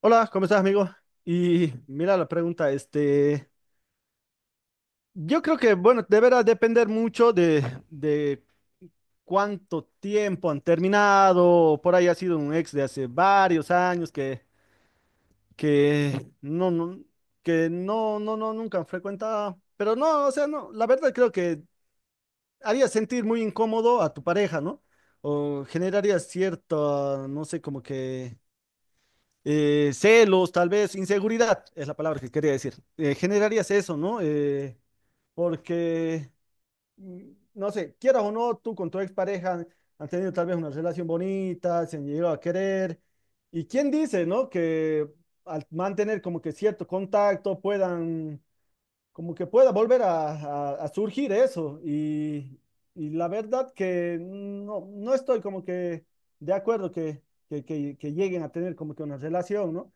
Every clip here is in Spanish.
Hola, ¿cómo estás, amigo? Y mira la pregunta, yo creo que, bueno, deberá depender mucho de cuánto tiempo han terminado. Por ahí ha sido un ex de hace varios años que no, no, que no, no, no, nunca han frecuentado, pero no, o sea, no, la verdad creo que haría sentir muy incómodo a tu pareja, ¿no? O generaría cierto, no sé, como que celos, tal vez, inseguridad es la palabra que quería decir. Generarías eso, ¿no? Porque, mm, no sé, quieras o no, tú con tu expareja han tenido tal vez una relación bonita, se han llegado a querer. ¿Y quién dice, ¿no? Que al mantener como que cierto contacto puedan, como que pueda volver a surgir eso. Y la verdad que no, no estoy como que de acuerdo que lleguen a tener como que una relación, ¿no?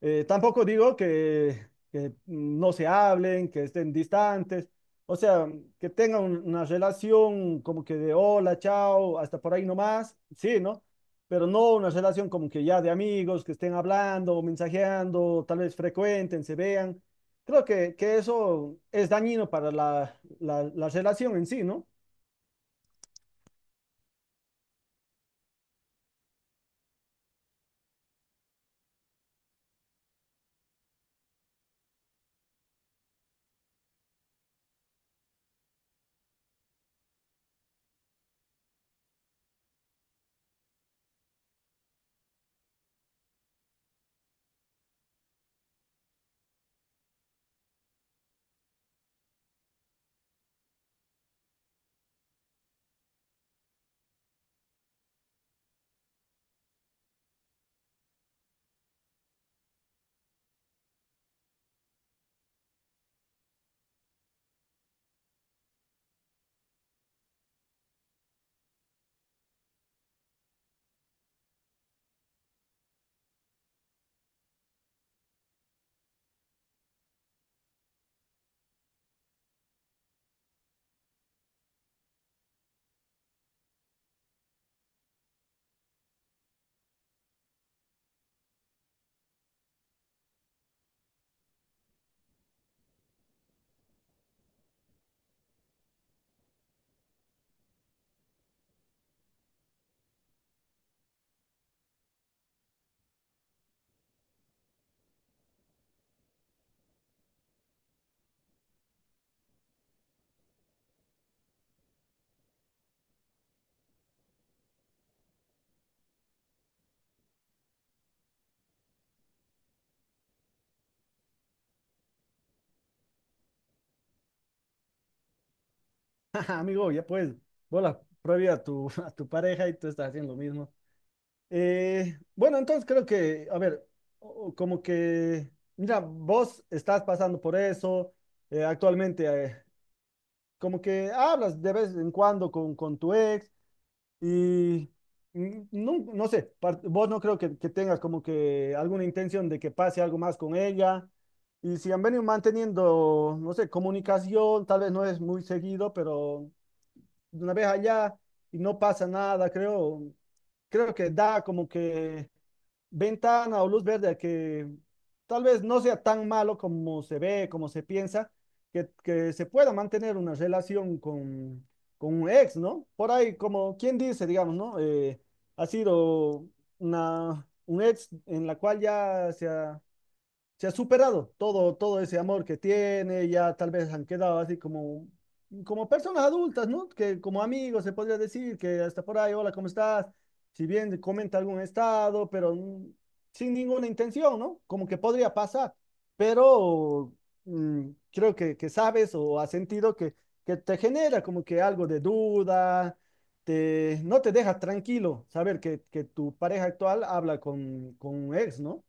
Tampoco digo que no se hablen, que estén distantes, o sea, que tengan una relación como que de hola, chao, hasta por ahí nomás, sí, ¿no? Pero no una relación como que ya de amigos, que estén hablando, mensajeando, tal vez frecuenten, se vean. Creo que eso es dañino para la relación en sí, ¿no? Amigo, ya pues, vos la prohibí a tu, a tu pareja y tú estás haciendo lo mismo. Bueno, entonces creo que, a ver, o- o como que, mira, vos estás pasando por eso actualmente. Como que hablas de vez en cuando con tu ex y no, no sé, vos no creo que tengas como que alguna intención de que pase algo más con ella. Y si han venido manteniendo, no sé, comunicación, tal vez no es muy seguido, pero una vez allá y no pasa nada, creo que da como que ventana o luz verde a que tal vez no sea tan malo como se ve, como se piensa, que se pueda mantener una relación con un ex, ¿no? Por ahí, como quien dice, digamos, ¿no? Ha sido una, un ex en la cual ya se ha superado todo, todo ese amor que tiene. Ya tal vez han quedado así como, como personas adultas, ¿no? Que como amigos se podría decir que hasta por ahí, hola, ¿cómo estás? Si bien comenta algún estado, pero sin ninguna intención, ¿no? Como que podría pasar, pero creo que sabes o has sentido que te genera como que algo de duda. Te, no te deja tranquilo saber que tu pareja actual habla con un ex, ¿no?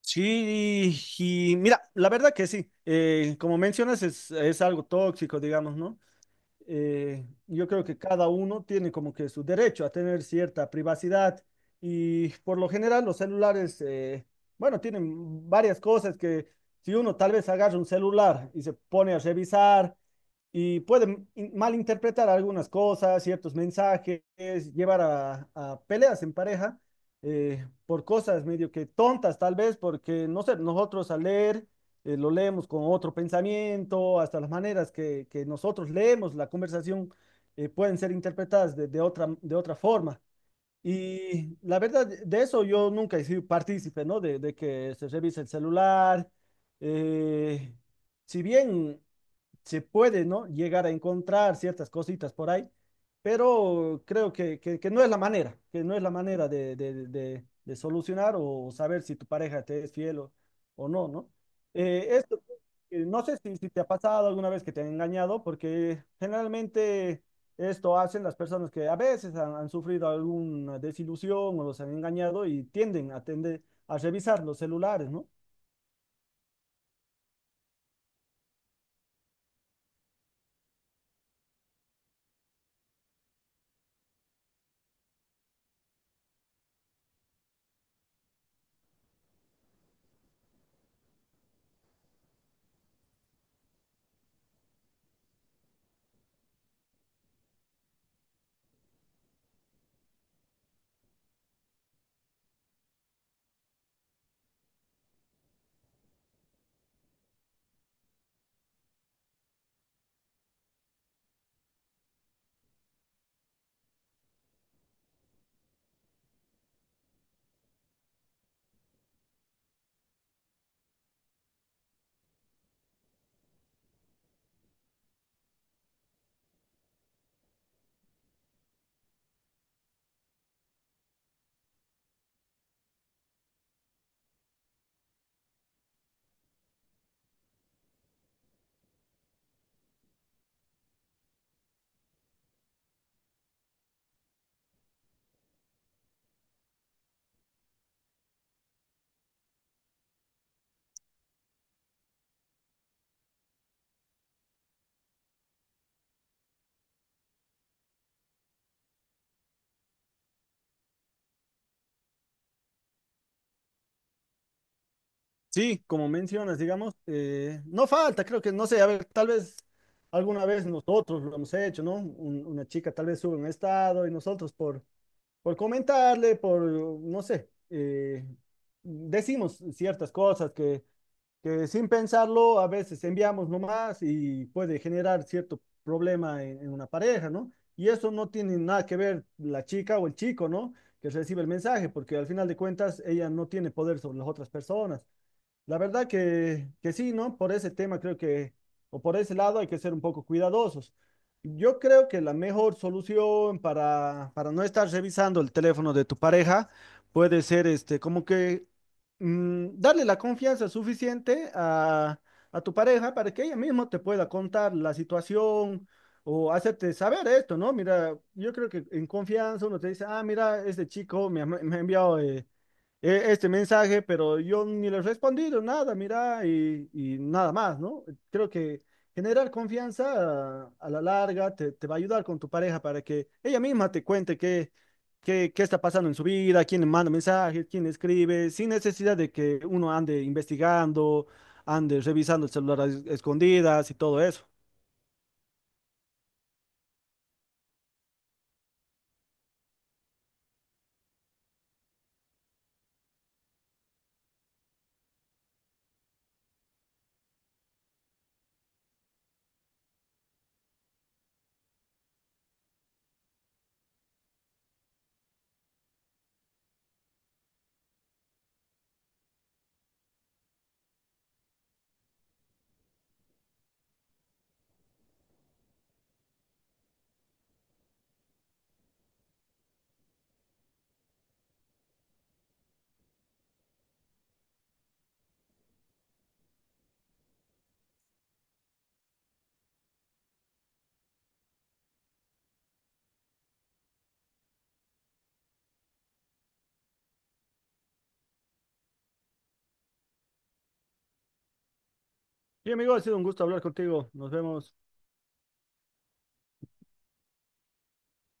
Sí, y mira, la verdad que sí. Como mencionas, es algo tóxico, digamos, ¿no? Yo creo que cada uno tiene como que su derecho a tener cierta privacidad, y por lo general los celulares, bueno, tienen varias cosas que si uno tal vez agarra un celular y se pone a revisar y puede malinterpretar algunas cosas, ciertos mensajes, llevar a peleas en pareja, por cosas medio que tontas tal vez, porque no sé, nosotros al leer, lo leemos con otro pensamiento. Hasta las maneras que nosotros leemos la conversación pueden ser interpretadas de otra forma. Y la verdad, de eso yo nunca he sido partícipe, ¿no? De que se revise el celular. eh, si bien se puede, ¿no? Llegar a encontrar ciertas cositas por ahí, pero creo que, que no es la manera, que no es la manera de de solucionar o saber si tu pareja te es fiel o no, ¿no? Eh, esto, no sé si, si te ha pasado alguna vez que te han engañado, porque generalmente esto hacen las personas que a veces han, han sufrido alguna desilusión o los han engañado y tienden a tender a revisar los celulares, ¿no? Sí, como mencionas, digamos, no falta, creo que, no sé, a ver, tal vez alguna vez nosotros lo hemos hecho, ¿no? Una chica tal vez sube un estado y nosotros por comentarle, por, no sé, decimos ciertas cosas que sin pensarlo a veces enviamos nomás y puede generar cierto problema en una pareja, ¿no? Y eso no tiene nada que ver la chica o el chico, ¿no? Que recibe el mensaje, porque al final de cuentas ella no tiene poder sobre las otras personas. La verdad que sí, ¿no? Por ese tema creo que, o por ese lado hay que ser un poco cuidadosos. Yo creo que la mejor solución para no estar revisando el teléfono de tu pareja puede ser este, como que darle la confianza suficiente a tu pareja para que ella misma te pueda contar la situación o hacerte saber esto, ¿no? Mira, yo creo que en confianza uno te dice, ah, mira, este chico me ha enviado... este mensaje, pero yo ni le he respondido nada, mira, y nada más, ¿no? Creo que generar confianza a la larga te, te va a ayudar con tu pareja para que ella misma te cuente qué, qué, qué está pasando en su vida, quién le manda mensajes, quién le escribe, sin necesidad de que uno ande investigando, ande revisando el celular a escondidas y todo eso. Y amigo, ha sido un gusto hablar contigo. Nos vemos.